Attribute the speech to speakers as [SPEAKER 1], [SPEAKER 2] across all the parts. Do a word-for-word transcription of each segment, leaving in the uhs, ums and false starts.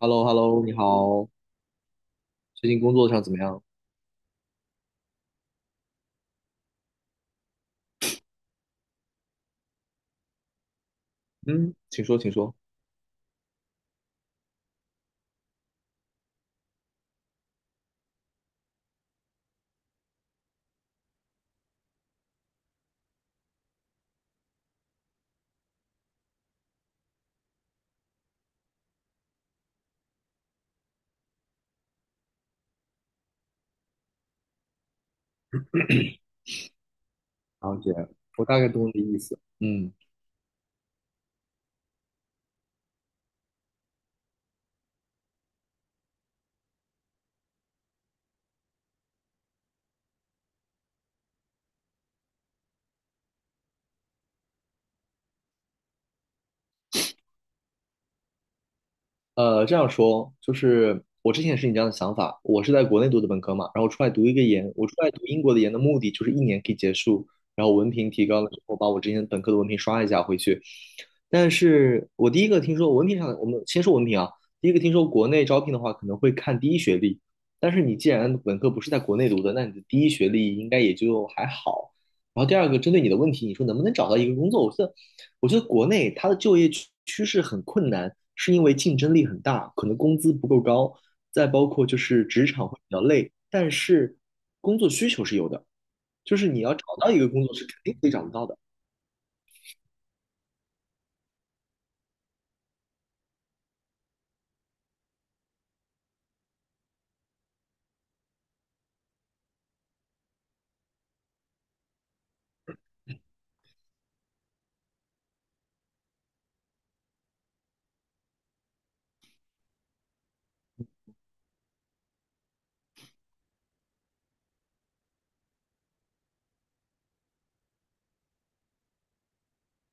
[SPEAKER 1] h e l l o h e l l o 你好，最近工作上怎么样？嗯，请说，请说。了解，我大概懂你的意思。嗯。呃，这样说就是我之前也是你这样的想法，我是在国内读的本科嘛，然后出来读一个研，我出来读英国的研的目的就是一年可以结束，然后文凭提高了之后，把我之前本科的文凭刷一下回去。但是我第一个听说文凭上的，我们先说文凭啊，第一个听说国内招聘的话可能会看第一学历，但是你既然本科不是在国内读的，那你的第一学历应该也就还好。然后第二个，针对你的问题，你说能不能找到一个工作？我觉得我觉得国内它的就业趋趋势很困难，是因为竞争力很大，可能工资不够高，再包括就是职场会比较累，但是工作需求是有的，就是你要找到一个工作是肯定可以找得到的。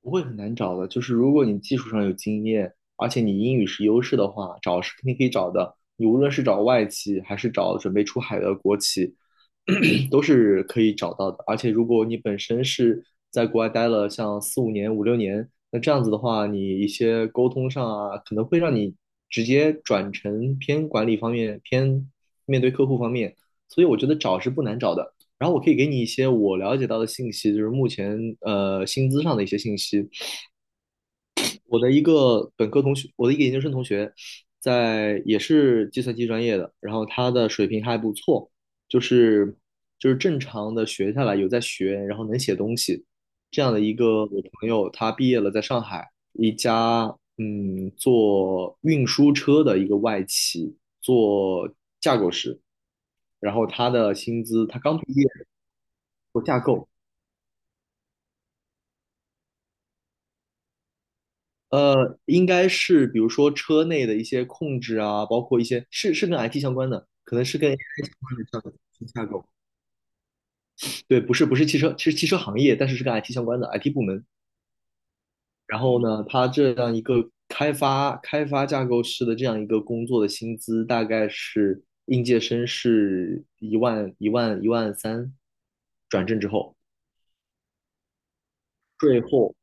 [SPEAKER 1] 不会很难找的，就是如果你技术上有经验，而且你英语是优势的话，找是肯定可以找的。你无论是找外企，还是找准备出海的国企，都是可以找到的。而且如果你本身是在国外待了像四五年、五六年，那这样子的话，你一些沟通上啊，可能会让你直接转成偏管理方面、偏面对客户方面。所以我觉得找是不难找的。然后我可以给你一些我了解到的信息，就是目前呃薪资上的一些信息。我的一个本科同学，我的一个研究生同学，在也是计算机专业的，然后他的水平还不错，就是就是正常的学下来有在学，然后能写东西这样的一个我朋友，他毕业了，在上海一家嗯做运输车的一个外企做架构师，然后他的薪资他刚毕业够。呃，应该是比如说车内的一些控制啊，包括一些是是跟 I T 相关的，可能是跟 A I 相关的架构架构。对，不是不是汽车，其实汽车行业，但是是跟 I T 相关的 I T 部门。然后呢，它这样一个开发开发架构师的这样一个工作的薪资，大概是应届生是一万一万一万三，转正之后税后。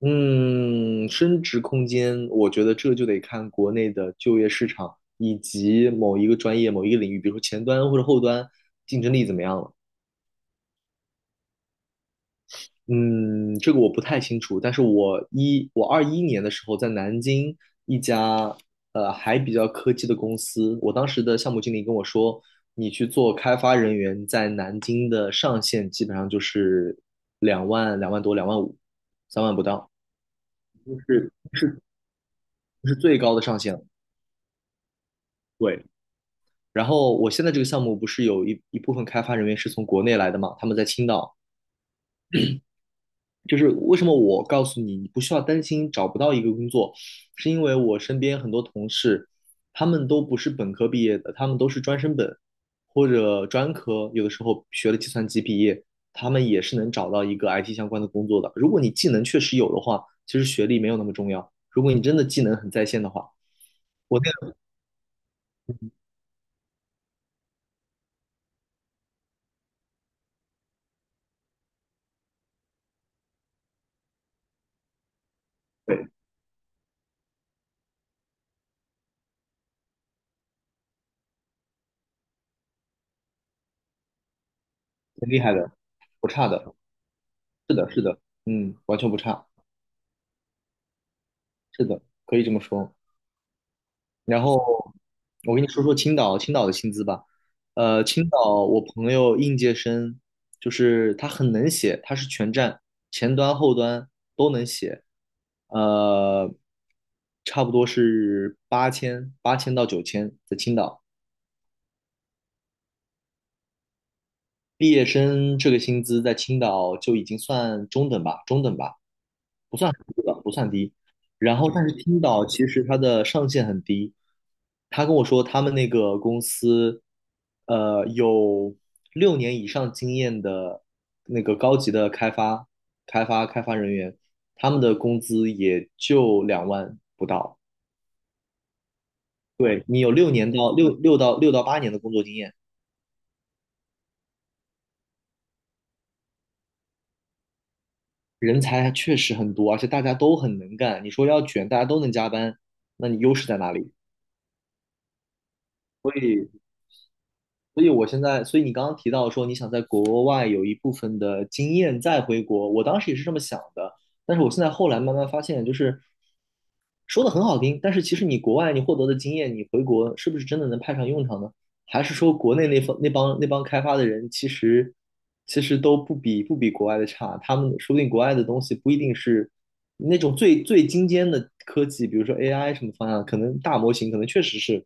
[SPEAKER 1] 嗯，升值空间，我觉得这就得看国内的就业市场以及某一个专业、某一个领域，比如说前端或者后端，竞争力怎么样了。嗯，这个我不太清楚，但是我一我二一年的时候在南京一家呃还比较科技的公司，我当时的项目经理跟我说，你去做开发人员，在南京的上限基本上就是两万、两万多、两万五、三万不到，就是是最高的上限了。然后我现在这个项目不是有一一部分开发人员是从国内来的嘛，他们在青岛。就是为什么我告诉你，你不需要担心找不到一个工作，是因为我身边很多同事，他们都不是本科毕业的，他们都是专升本或者专科，有的时候学了计算机毕业，他们也是能找到一个 I T 相关的工作的。如果你技能确实有的话，其实学历没有那么重要。如果你真的技能很在线的话，我那个很厉害的，不差的，是的，是的，嗯，完全不差。是的，可以这么说。然后我跟你说说青岛，青岛的薪资吧。呃，青岛我朋友应届生，就是他很能写，他是全站前端后端都能写，呃，差不多是八千八千到九千在青岛。毕业生这个薪资在青岛就已经算中等吧，中等吧。不算很低吧，不算低。然后，但是青岛其实它的上限很低。他跟我说，他们那个公司，呃，有六年以上经验的那个高级的开发、开发、开发人员，他们的工资也就两万不到。对，你有六年到六六到六到八年的工作经验，人才确实很多，而且大家都很能干。你说要卷，大家都能加班，那你优势在哪里？所以我现在，所以你刚刚提到说你想在国外有一部分的经验再回国，我当时也是这么想的，但是我现在后来慢慢发现，就是说的很好听，但是其实你国外你获得的经验，你回国是不是真的能派上用场呢？还是说国内那方那帮那帮开发的人，其实其实都不比不比国外的差。他们说不定国外的东西不一定是那种最最精尖的科技，比如说 A I 什么方向，可能大模型可能确实是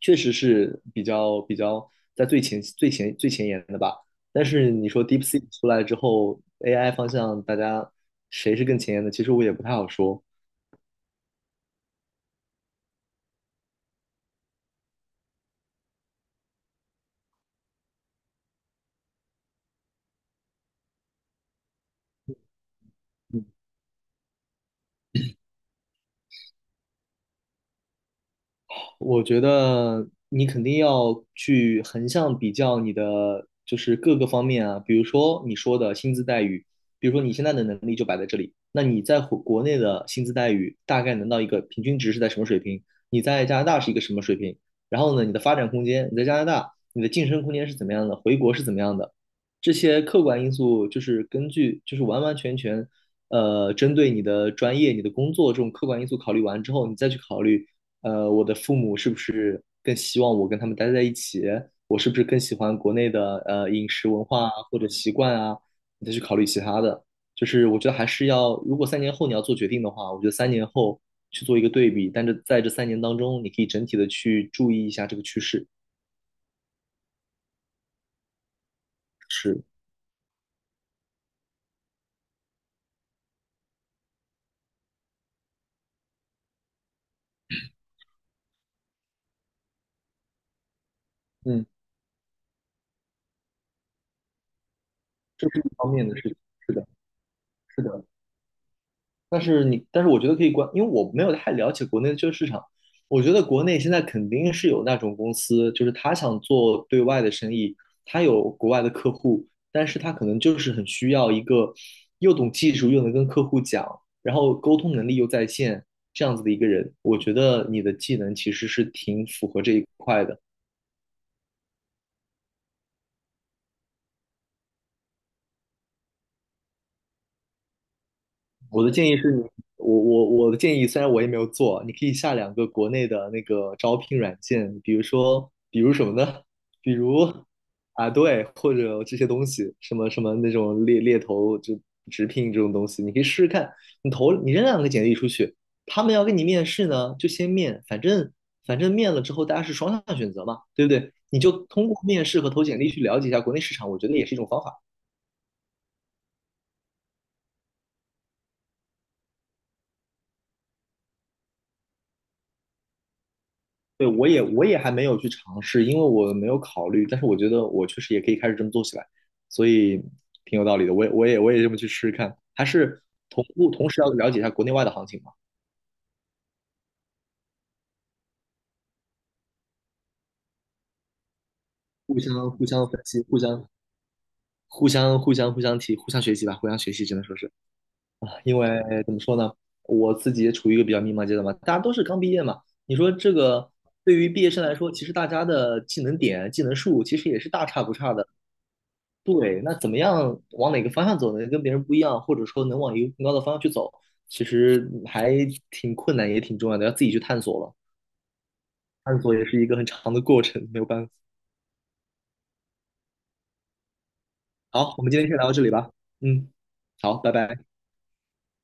[SPEAKER 1] 确实是比较比较在最前最前最前沿的吧。但是你说 DeepSeek 出来之后，A I 方向大家谁是更前沿的？其实我也不太好说。我觉得你肯定要去横向比较你的，就是各个方面啊，比如说你说的薪资待遇，比如说你现在的能力就摆在这里，那你在国国内的薪资待遇大概能到一个平均值是在什么水平？你在加拿大是一个什么水平？然后呢，你的发展空间，你在加拿大你的晋升空间是怎么样的？回国是怎么样的？这些客观因素就是根据，就是完完全全。呃，针对你的专业、你的工作这种客观因素考虑完之后，你再去考虑呃，我的父母是不是更希望我跟他们待在一起？我是不是更喜欢国内的呃饮食文化啊，或者习惯啊？你再去考虑其他的。就是我觉得还是要，如果三年后你要做决定的话，我觉得三年后去做一个对比，但是在这三年当中，你可以整体的去注意一下这个趋势。是，嗯，这是一方面的事情。是的，是的。但是你，但是我觉得可以关，因为我没有太了解国内的这个市场。我觉得国内现在肯定是有那种公司，就是他想做对外的生意，他有国外的客户，但是他可能就是很需要一个又懂技术又能跟客户讲，然后沟通能力又在线这样子的一个人。我觉得你的技能其实是挺符合这一块的。我的建议是你，我我我的建议，虽然我也没有做，你可以下两个国内的那个招聘软件，比如说，比如什么呢？比如啊，对，或者这些东西，什么什么那种猎猎头就直聘这种东西，你可以试试看。你投你扔两个简历出去，他们要跟你面试呢，就先面，反正反正面了之后大家是双向选择嘛，对不对？你就通过面试和投简历去了解一下国内市场，我觉得也是一种方法。对，我也我也还没有去尝试，因为我没有考虑，但是我觉得我确实也可以开始这么做起来，所以挺有道理的。我也我也我也这么去试试看，还是同步同时要了解一下国内外的行情嘛，互相互相分析，互相互相互相互相提，互相学习吧，互相学习只能说是，因为怎么说呢，我自己也处于一个比较迷茫阶段嘛，大家都是刚毕业嘛，你说这个对于毕业生来说，其实大家的技能点、技能数其实也是大差不差的。对，那怎么样往哪个方向走呢？跟别人不一样，或者说能往一个更高的方向去走，其实还挺困难，也挺重要的，要自己去探索了。探索也是一个很长的过程，没有办法。好，我们今天先聊到这里吧。嗯，好，拜拜。